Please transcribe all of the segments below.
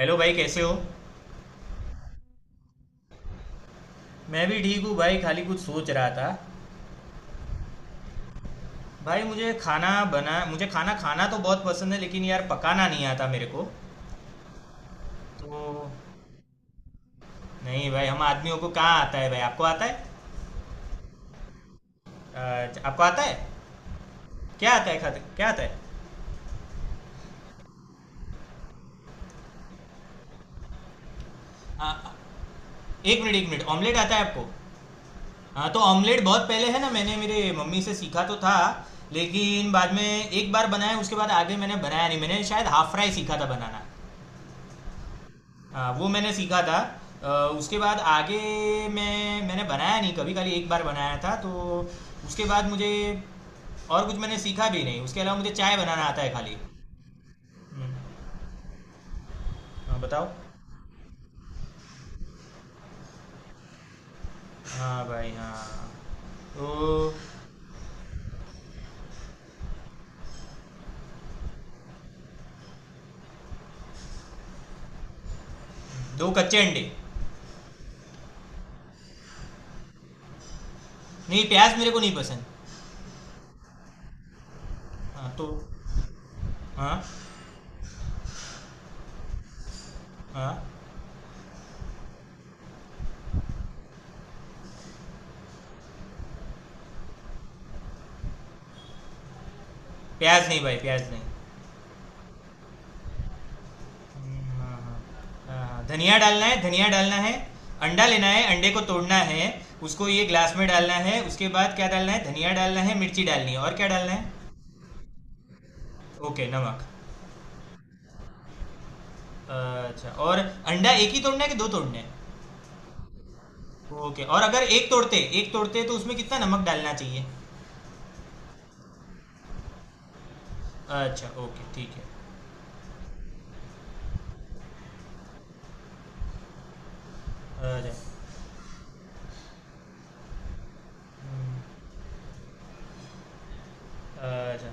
Hello भाई, कैसे हो? मैं भी ठीक हूँ भाई। खाली कुछ सोच रहा था। भाई, मुझे खाना खाना तो बहुत पसंद है, लेकिन यार पकाना नहीं आता मेरे को। तो नहीं भाई, हम आदमियों को कहाँ आता है। भाई आपको आता है? आपको आता है? क्या आता है? खाते क्या आता है? आ, एक मिनट एक मिनट, ऑमलेट आता है आपको? हाँ तो ऑमलेट बहुत पहले, है ना, मैंने मेरे मम्मी से सीखा तो था। लेकिन बाद में। एक बार बनाया, उसके बाद आगे मैंने बनाया नहीं। मैंने शायद हाफ फ्राई सीखा था बनाना। हाँ वो मैंने सीखा था। उसके बाद आगे। मैंने बनाया नहीं कभी, खाली एक बार बनाया था तो। उसके बाद मुझे। और कुछ मैंने सीखा भी नहीं, उसके अलावा मुझे चाय बनाना आता है खाली। हम्म, हाँ बताओ। हाँ भाई, हाँ। तो। दो कच्चे अंडे। नहीं, प्याज मेरे को नहीं पसंद। हाँ तो। हाँ हाँ। प्याज नहीं भाई, प्याज नहीं। हाँ, हाँ, हाँ, हाँ। धनिया डालना है, धनिया डालना है। अंडा लेना है, अंडे को तोड़ना है। उसको ये ग्लास में डालना है, उसके बाद क्या डालना है? धनिया डालना है, मिर्ची डालनी है, और क्या डालना है? ओके, नमक। अच्छा, और अंडा एक ही तोड़ना है कि दो तोड़ने हैं? ओके, और अगर एक तोड़ते तो उसमें कितना नमक डालना चाहिए? अच्छा ओके, ठीक है। अच्छा। हम्म। अच्छा,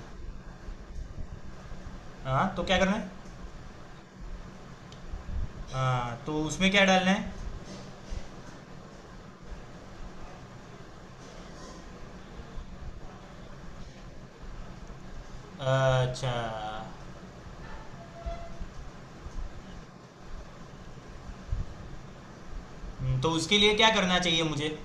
हाँ तो क्या करना है? हाँ तो उसमें क्या डालना है? अच्छा। तो उसके लिए क्या करना चाहिए मुझे?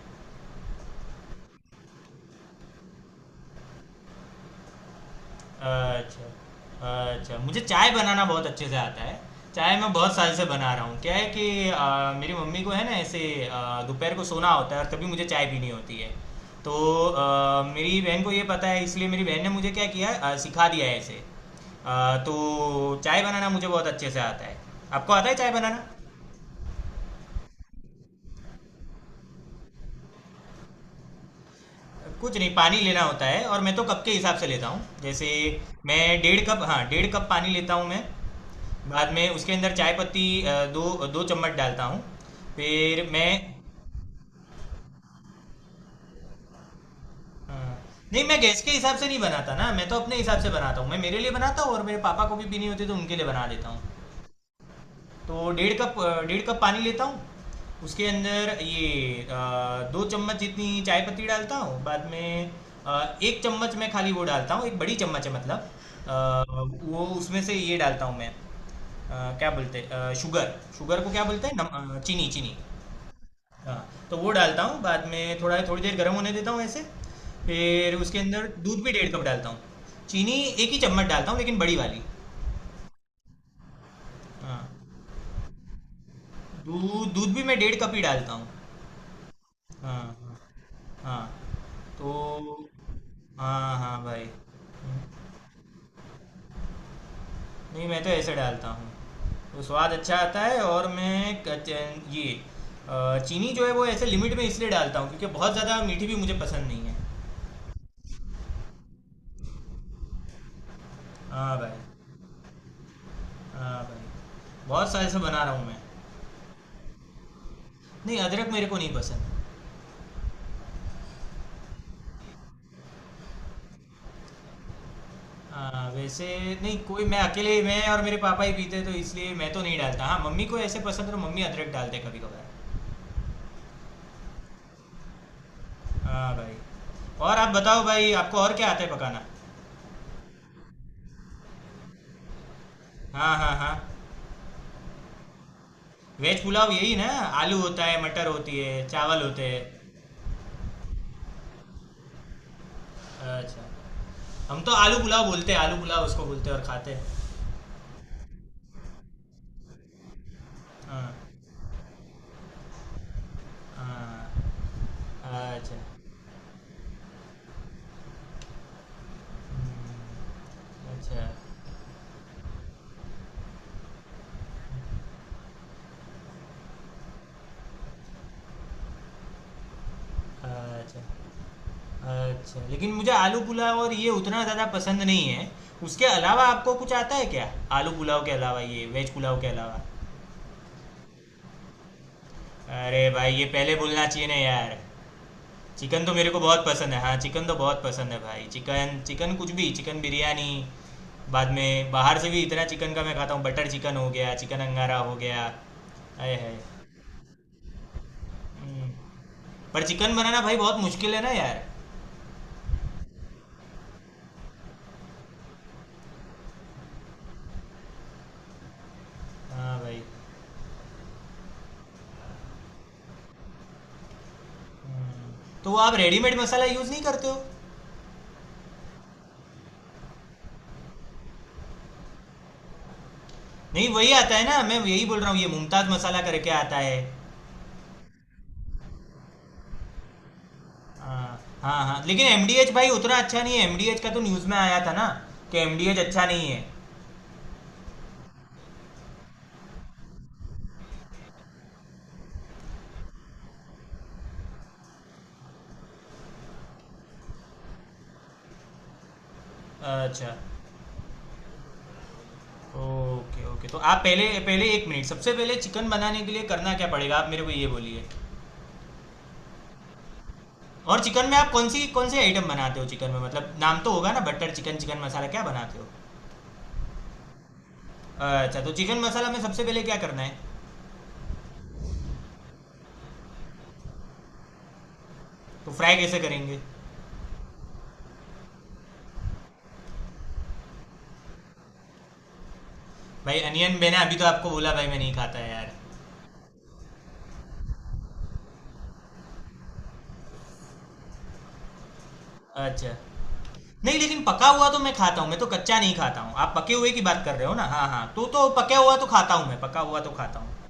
अच्छा अच्छा, मुझे चाय बनाना बहुत अच्छे से आता है। चाय मैं बहुत साल से बना रहा हूँ। क्या है कि मेरी मम्मी को है ना ऐसे। दोपहर को सोना होता है और तभी मुझे चाय पीनी होती है। तो। मेरी बहन को ये पता है, इसलिए मेरी बहन ने मुझे क्या किया है, सिखा दिया है ऐसे। तो चाय बनाना मुझे बहुत अच्छे से आता है। आपको आता है चाय बनाना? कुछ नहीं, पानी लेना होता है और मैं तो कप के हिसाब से लेता हूँ, जैसे। मैं 1½ कप, हाँ, 1½ कप पानी लेता हूँ मैं। बाद में उसके अंदर चाय पत्ती, 2-2 चम्मच डालता हूँ। फिर मैं। अ, नहीं, मैं गैस के हिसाब से नहीं बनाता ना, मैं तो अपने हिसाब से बनाता हूँ, मैं मेरे लिए बनाता हूँ और मेरे पापा को भी पीनी होती है तो उनके लिए बना देता हूँ। तो 1½ कप, 1½ कप पानी लेता हूँ। उसके अंदर ये, 2 चम्मच जितनी चाय पत्ती डालता हूँ बाद में। 1 चम्मच मैं खाली वो डालता हूँ, एक बड़ी चम्मच है मतलब। अ, वो उसमें से ये डालता हूँ मैं। क्या बोलते हैं शुगर, शुगर को क्या बोलते हैं, चीनी चीनी। हाँ। तो वो डालता हूँ बाद में, थोड़ा थोड़ी देर गर्म होने देता हूँ ऐसे। फिर उसके अंदर दूध भी 1½ कप डालता हूँ। चीनी 1 ही चम्मच डालता हूँ, लेकिन बड़ी वाली। हाँ। दूध दूध भी मैं 1½ कप ही डालता हूँ। हाँ। हाँ हाँ। तो। हाँ हाँ भाई, हम्म। नहीं, मैं तो ऐसे डालता हूँ। तो स्वाद अच्छा आता है और मैं ये, चीनी जो है वो ऐसे लिमिट में इसलिए डालता हूँ, क्योंकि बहुत ज़्यादा मीठी भी मुझे पसंद नहीं है। हाँ भाई। हाँ भाई, बहुत साल से बना रहा हूँ मैं। नहीं, अदरक मेरे को नहीं पसंद। हाँ, वैसे। नहीं कोई, मैं अकेले, मैं और मेरे पापा ही पीते तो इसलिए मैं तो नहीं डालता। हाँ मम्मी को ऐसे पसंद है तो मम्मी अदरक डालते कभी कभार। हाँ भाई। और आप बताओ भाई, आपको और क्या आता है पकाना? हाँ हाँ हाँ। वेज पुलाव, यही ना? आलू होता है, मटर होती है, चावल होते हैं। अच्छा, हम तो आलू पुलाव बोलते हैं। आलू पुलाव उसको बोलते हैं और खाते हैं। हाँ। हाँ। अच्छा। हम्म। अच्छा अच्छा। अच्छा, लेकिन मुझे आलू पुलाव और ये उतना ज़्यादा पसंद नहीं है। उसके अलावा आपको कुछ आता है क्या? आलू पुलाव के अलावा ये वेज पुलाव के अलावा। अरे भाई, ये पहले बोलना चाहिए ना यार। चिकन तो मेरे को बहुत पसंद है। हाँ, चिकन तो बहुत पसंद है भाई। चिकन चिकन कुछ भी, चिकन बिरयानी। बाद में बाहर से भी इतना चिकन का मैं खाता हूँ। बटर चिकन हो गया, चिकन अंगारा हो गया। आय हाय! हुँ, पर चिकन बनाना भाई बहुत मुश्किल है ना यार। हाँ भाई। तो आप रेडीमेड मसाला यूज़ नहीं करते हो? नहीं वही आता है ना, मैं यही बोल रहा हूँ, ये मुमताज मसाला करके आता है। आ, हाँ हाँ, लेकिन एमडीएच भाई उतना अच्छा नहीं है, एमडीएच का तो न्यूज़ में आया था ना, कि एमडीएच अच्छा नहीं है। अच्छा। ओके ओके, तो आप पहले पहले, एक मिनट, सबसे पहले चिकन बनाने के लिए करना क्या पड़ेगा, आप मेरे को ये बोलिए। और चिकन में आप कौन से आइटम बनाते हो चिकन में? मतलब नाम तो होगा ना, बटर चिकन, चिकन मसाला, क्या बनाते हो? अच्छा, तो चिकन मसाला में सबसे पहले क्या करना है? तो फ्राई कैसे करेंगे? भाई अनियन मैंने अभी तो आपको बोला भाई, मैं नहीं खाता है यार। अच्छा। नहीं, लेकिन पका हुआ तो मैं खाता हूँ, मैं तो कच्चा नहीं खाता हूँ। आप पके हुए की बात कर रहे हो ना? हाँ हाँ, तो पका हुआ तो खाता हूँ, मैं पका हुआ तो खाता हूँ।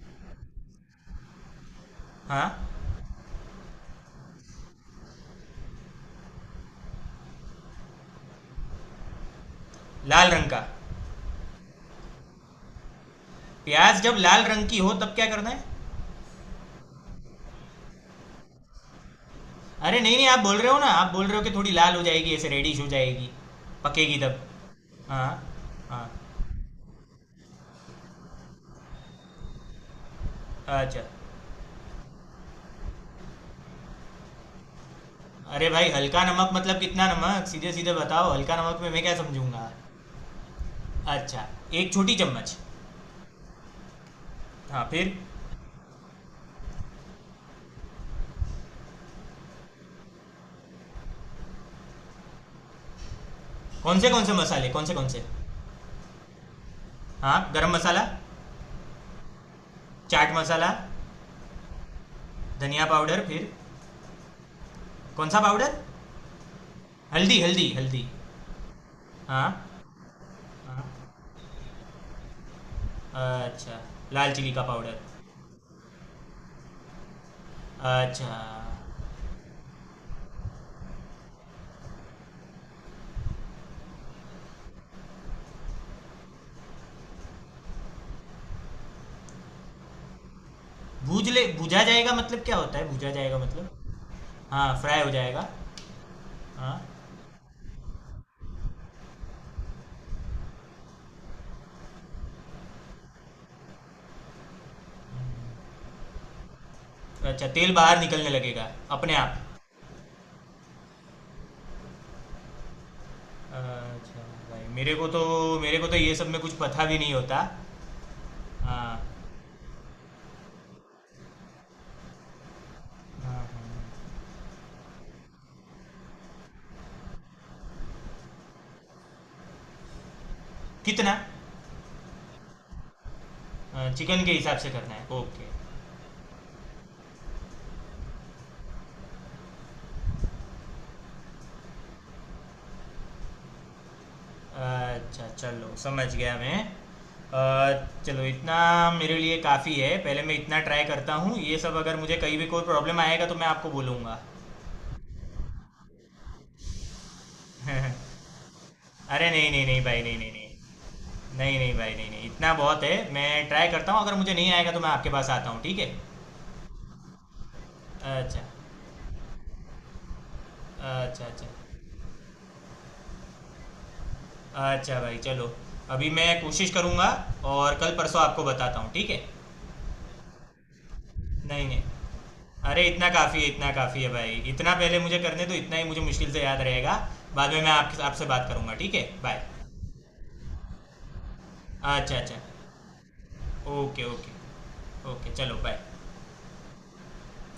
हाँ। लाल रंग का। प्याज जब लाल रंग की हो तब क्या करना है? अरे नहीं नहीं, आप बोल रहे हो ना, आप बोल रहे हो कि थोड़ी लाल हो जाएगी, ऐसे रेडिश हो जाएगी। पकेगी तब। हाँ। हाँ। अच्छा। अरे भाई, हल्का नमक मतलब कितना नमक, सीधे सीधे बताओ, हल्का नमक में मैं क्या समझूंगा? अच्छा। 1 छोटी चम्मच। हाँ फिर? कौन से मसाले, कौन से कौन से? हाँ, गरम मसाला। चाट मसाला। धनिया पाउडर, फिर? कौन सा पाउडर? हल्दी हल्दी हल्दी। हाँ। हाँ। अच्छा। लाल चिली का पाउडर। अच्छा। भूजा जाएगा मतलब क्या होता है, भूजा जाएगा मतलब? हाँ फ्राई हो जाएगा। हाँ। अच्छा, तेल बाहर निकलने लगेगा। अपने आप। अच्छा। भाई मेरे को तो। मेरे को तो ये सब में कुछ पता भी नहीं होता। हाँ। हाँ, हाँ। कितना? चिकन के हिसाब से करना है, ओके। अच्छा चलो, समझ गया मैं, चलो इतना। मेरे लिए काफ़ी है, पहले मैं इतना ट्राई करता हूँ ये सब, अगर मुझे कहीं भी कोई प्रॉब्लम आएगा तो मैं आपको बोलूँगा। अरे। नहीं नहीं नहीं भाई, नहीं नहीं नहीं। नहीं नहीं भाई, नहीं नहीं, इतना बहुत है, मैं ट्राई करता हूँ, अगर मुझे नहीं आएगा तो मैं आपके पास आता हूँ, ठीक है? अच्छा। अच्छा अच्छा। अच्छा भाई, चलो। अभी मैं कोशिश करूँगा। और कल परसों आपको बताता हूँ, ठीक है? नहीं नहीं। अरे, इतना काफ़ी है, इतना काफ़ी है भाई, इतना पहले मुझे करने दो, इतना ही मुझे मुश्किल से याद रहेगा। बाद में मैं आपके आपसे बात करूँगा, ठीक है? बाय। अच्छा अच्छा। Okay okay. ओके चलो, बाय।